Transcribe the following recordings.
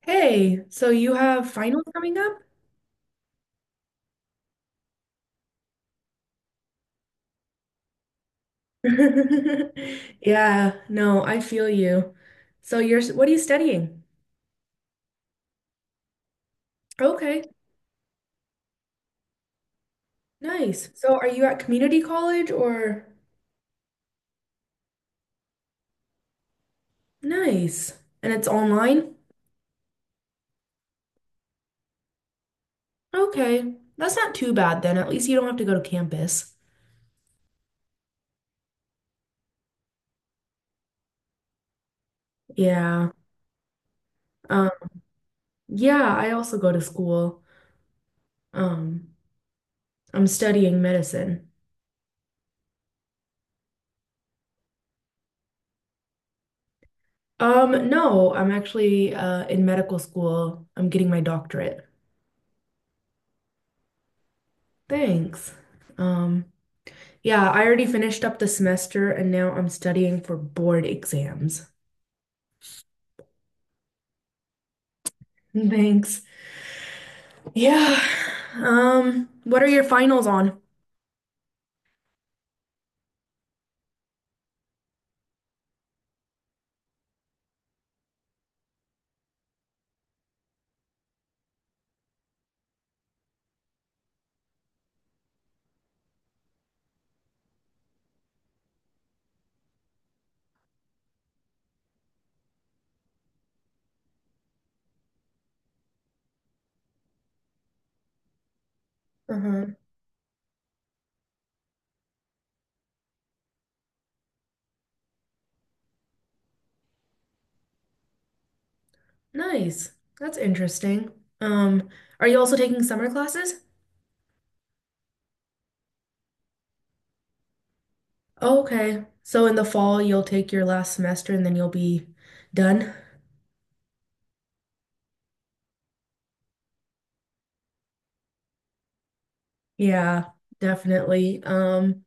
Hey, so you have finals coming up? Yeah, no, I feel you. So what are you studying? Okay, nice. So are you at community college or? Nice. And it's online? Okay, that's not too bad then. At least you don't have to go to campus. Yeah. Um, yeah, I also go to school. Um, I'm studying medicine. No, I'm actually in medical school. I'm getting my doctorate. Thanks. Um, Yeah, I already finished up the semester and now I'm studying for board exams. Thanks. Yeah. What are your finals on? Uh-huh. Nice. That's interesting. Um, are you also taking summer classes? Okay. So in the fall you'll take your last semester and then you'll be done? Yeah, definitely.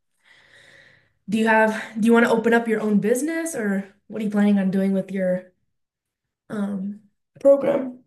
do you want to open up your own business, or what are you planning on doing with your um program?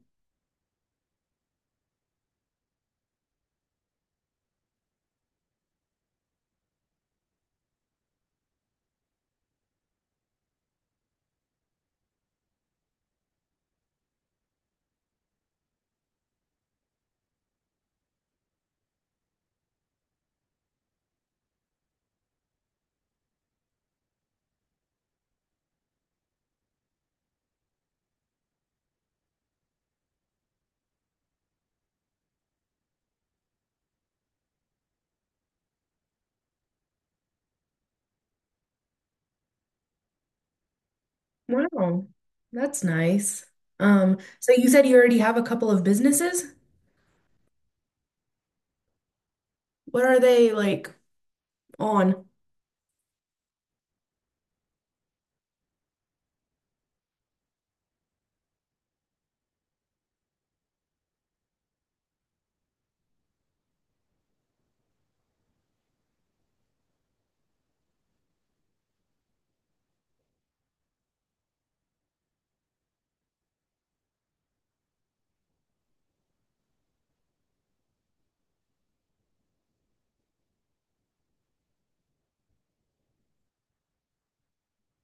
Wow, that's nice. So you said you already have a couple of businesses? What are they like on?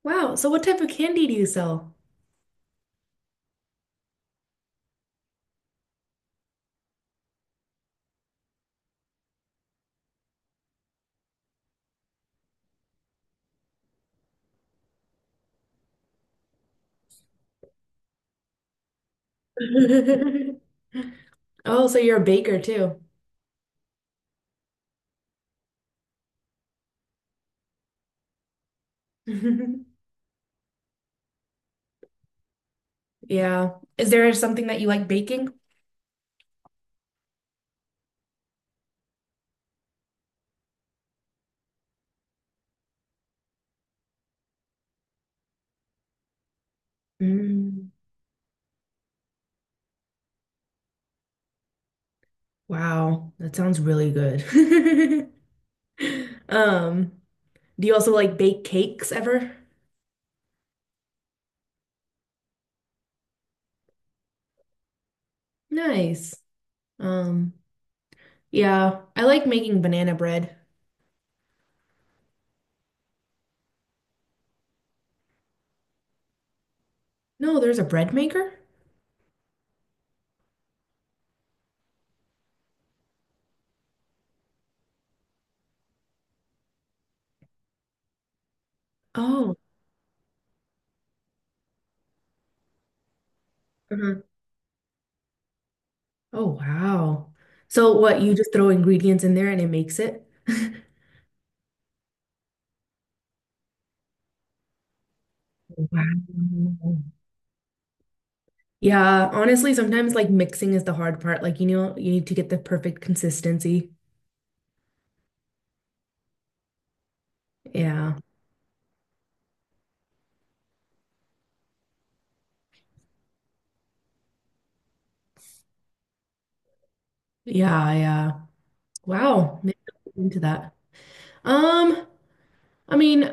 Wow, so what type of candy do you sell? Oh, so you're a baker too. Yeah. Is there something that you like baking? Mm, wow, that sounds really good. Um, do you also like bake cakes ever? Nice. Um, yeah, I like making banana bread. No, there's a bread maker? Oh. Mhm. Oh, wow. So what, you just throw ingredients in there and it makes it? Wow. Yeah, honestly, sometimes like mixing is the hard part. Like, you know, you need to get the perfect consistency. Yeah. Yeah, yeah. Wow. Maybe I'll get into that. Um, I mean,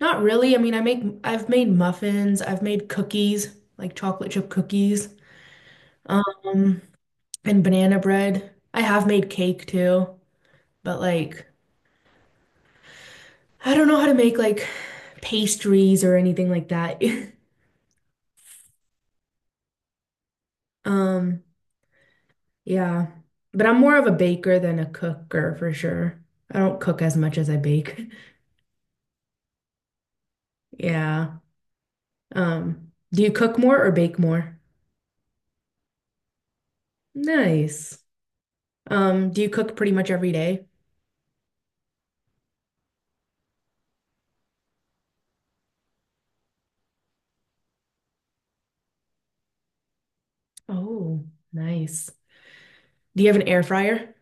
not really. I mean, I've made muffins, I've made cookies, like chocolate chip cookies, um, and banana bread. I have made cake too, but like I don't know how to make like pastries or anything like that. Um, yeah. But I'm more of a baker than a cooker for sure. I don't cook as much as I bake. Yeah. Do you cook more or bake more? Nice. Do you cook pretty much every day? Oh, nice. Do you have an air fryer?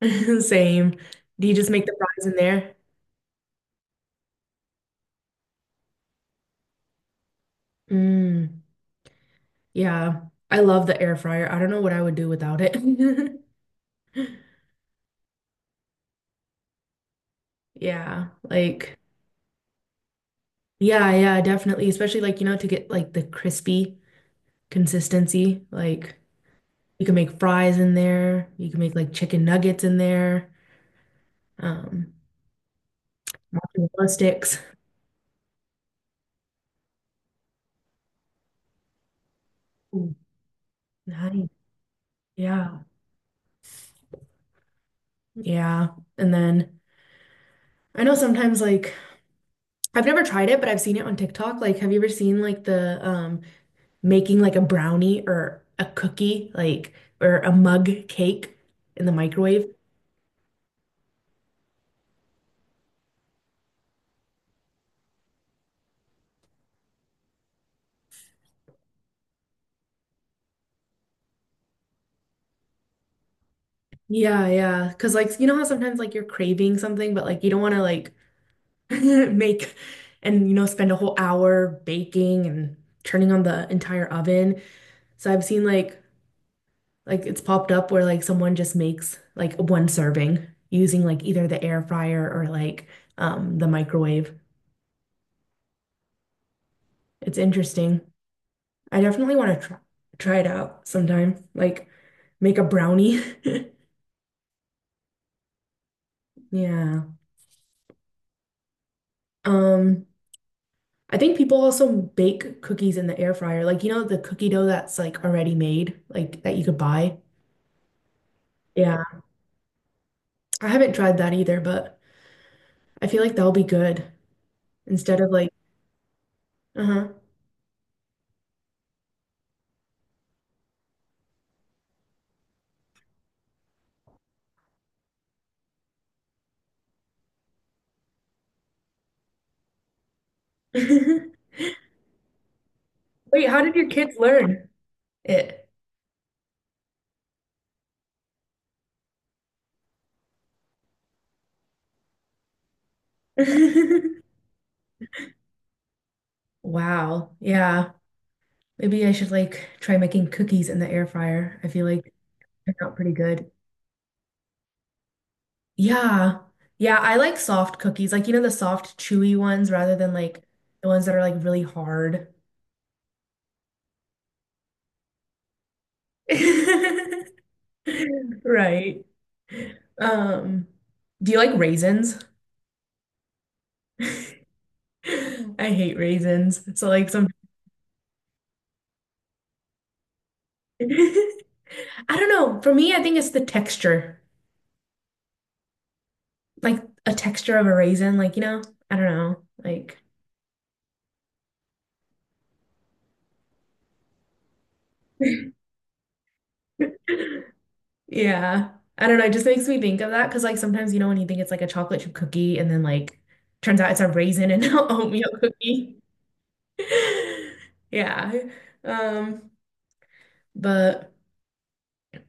Same. Do you just make the fries in there? Mm, yeah. I love the air fryer. I don't know what I would do without it. Yeah, like yeah, yeah, definitely. Especially like, you know, to get like the crispy consistency. Like you can make fries in there. You can make like chicken nuggets in there. Um, mozzarella sticks. Ooh, nice. Yeah. Yeah. And then I know sometimes like I've never tried it, but I've seen it on TikTok. Like, have you ever seen like the making like a brownie or a cookie, like or a mug cake in the microwave? Yeah, yeah. Because, like, you know how sometimes, like, you're craving something, but, like, you don't want to, like, make and you know spend a whole hour baking and turning on the entire oven. So I've seen like it's popped up where like someone just makes like one serving using like either the air fryer or like the microwave. It's interesting. I definitely want to try it out sometime. Like make a brownie. Yeah. Um, I think people also bake cookies in the air fryer. Like you know the cookie dough that's like already made, like that you could buy. Yeah. I haven't tried that either, but I feel like that'll be good instead of like, uh-huh. Wait, how did your kids learn it? Wow. Yeah. Maybe I should like try making cookies in the air fryer. I feel like they're not pretty good. Yeah. Yeah, I like soft cookies. Like, you know, the soft, chewy ones rather than like the ones that are like really hard. Right. Um, do you like raisins? I hate raisins. So like I don't know. For me, I think it's the texture, like a texture of a raisin. Like, you know, I don't know. Like, yeah, I don't know. It just makes me think of that because, like, sometimes, you know, when you think it's like a chocolate chip cookie and then, like, turns out it's a raisin and not oatmeal cookie. Yeah. Um, but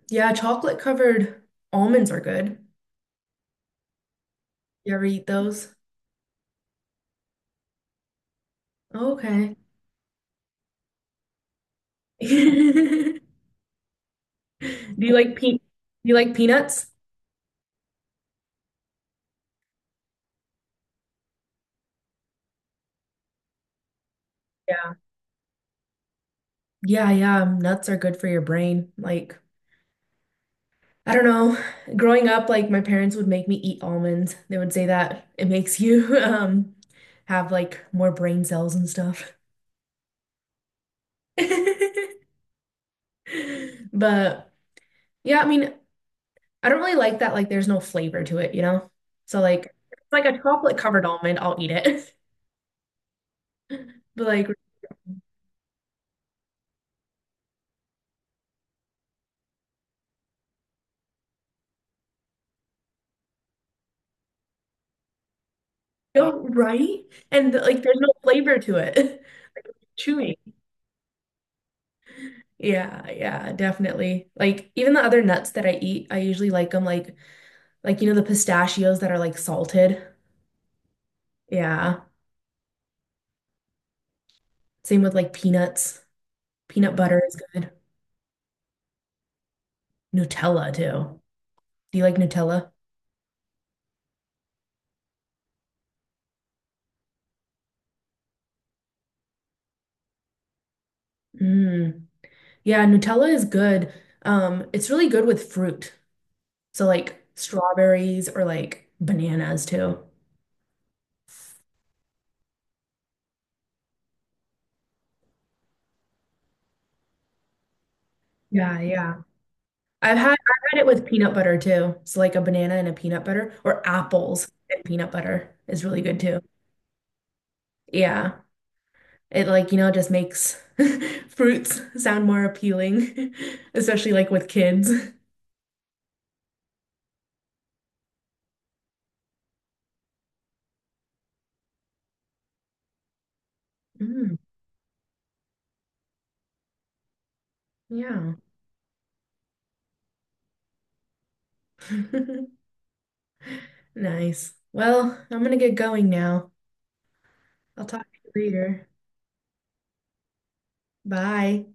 yeah, chocolate covered almonds are good. You ever eat those? Oh, okay. Do do you like peanuts? Yeah. Yeah, yeah, nuts are good for your brain. Like, I don't know. Growing up, like my parents would make me eat almonds. They would say that it makes you have like more brain cells and stuff. But yeah, I mean, I don't really like that like there's no flavor to it, you know? So like if it's like a chocolate covered almond, I'll eat it. But like no, right? And like there's no flavor to it. Chewy. Yeah, yeah, definitely. Like even the other nuts that I eat, I usually like them like, you know, the pistachios that are like salted. Yeah. Same with like peanuts. Peanut butter is good. Nutella too. Do you like Nutella? Mm. Yeah, Nutella is good. It's really good with fruit. So like strawberries or like bananas too. Yeah, yeah. I've had it with peanut butter too. So like a banana and a peanut butter or apples and peanut butter is really good too. Yeah. It like, you know, just makes fruits sound more appealing, especially like with kids. Mm, yeah. Nice. Well, I'm gonna get going now. I'll talk to you later. Bye.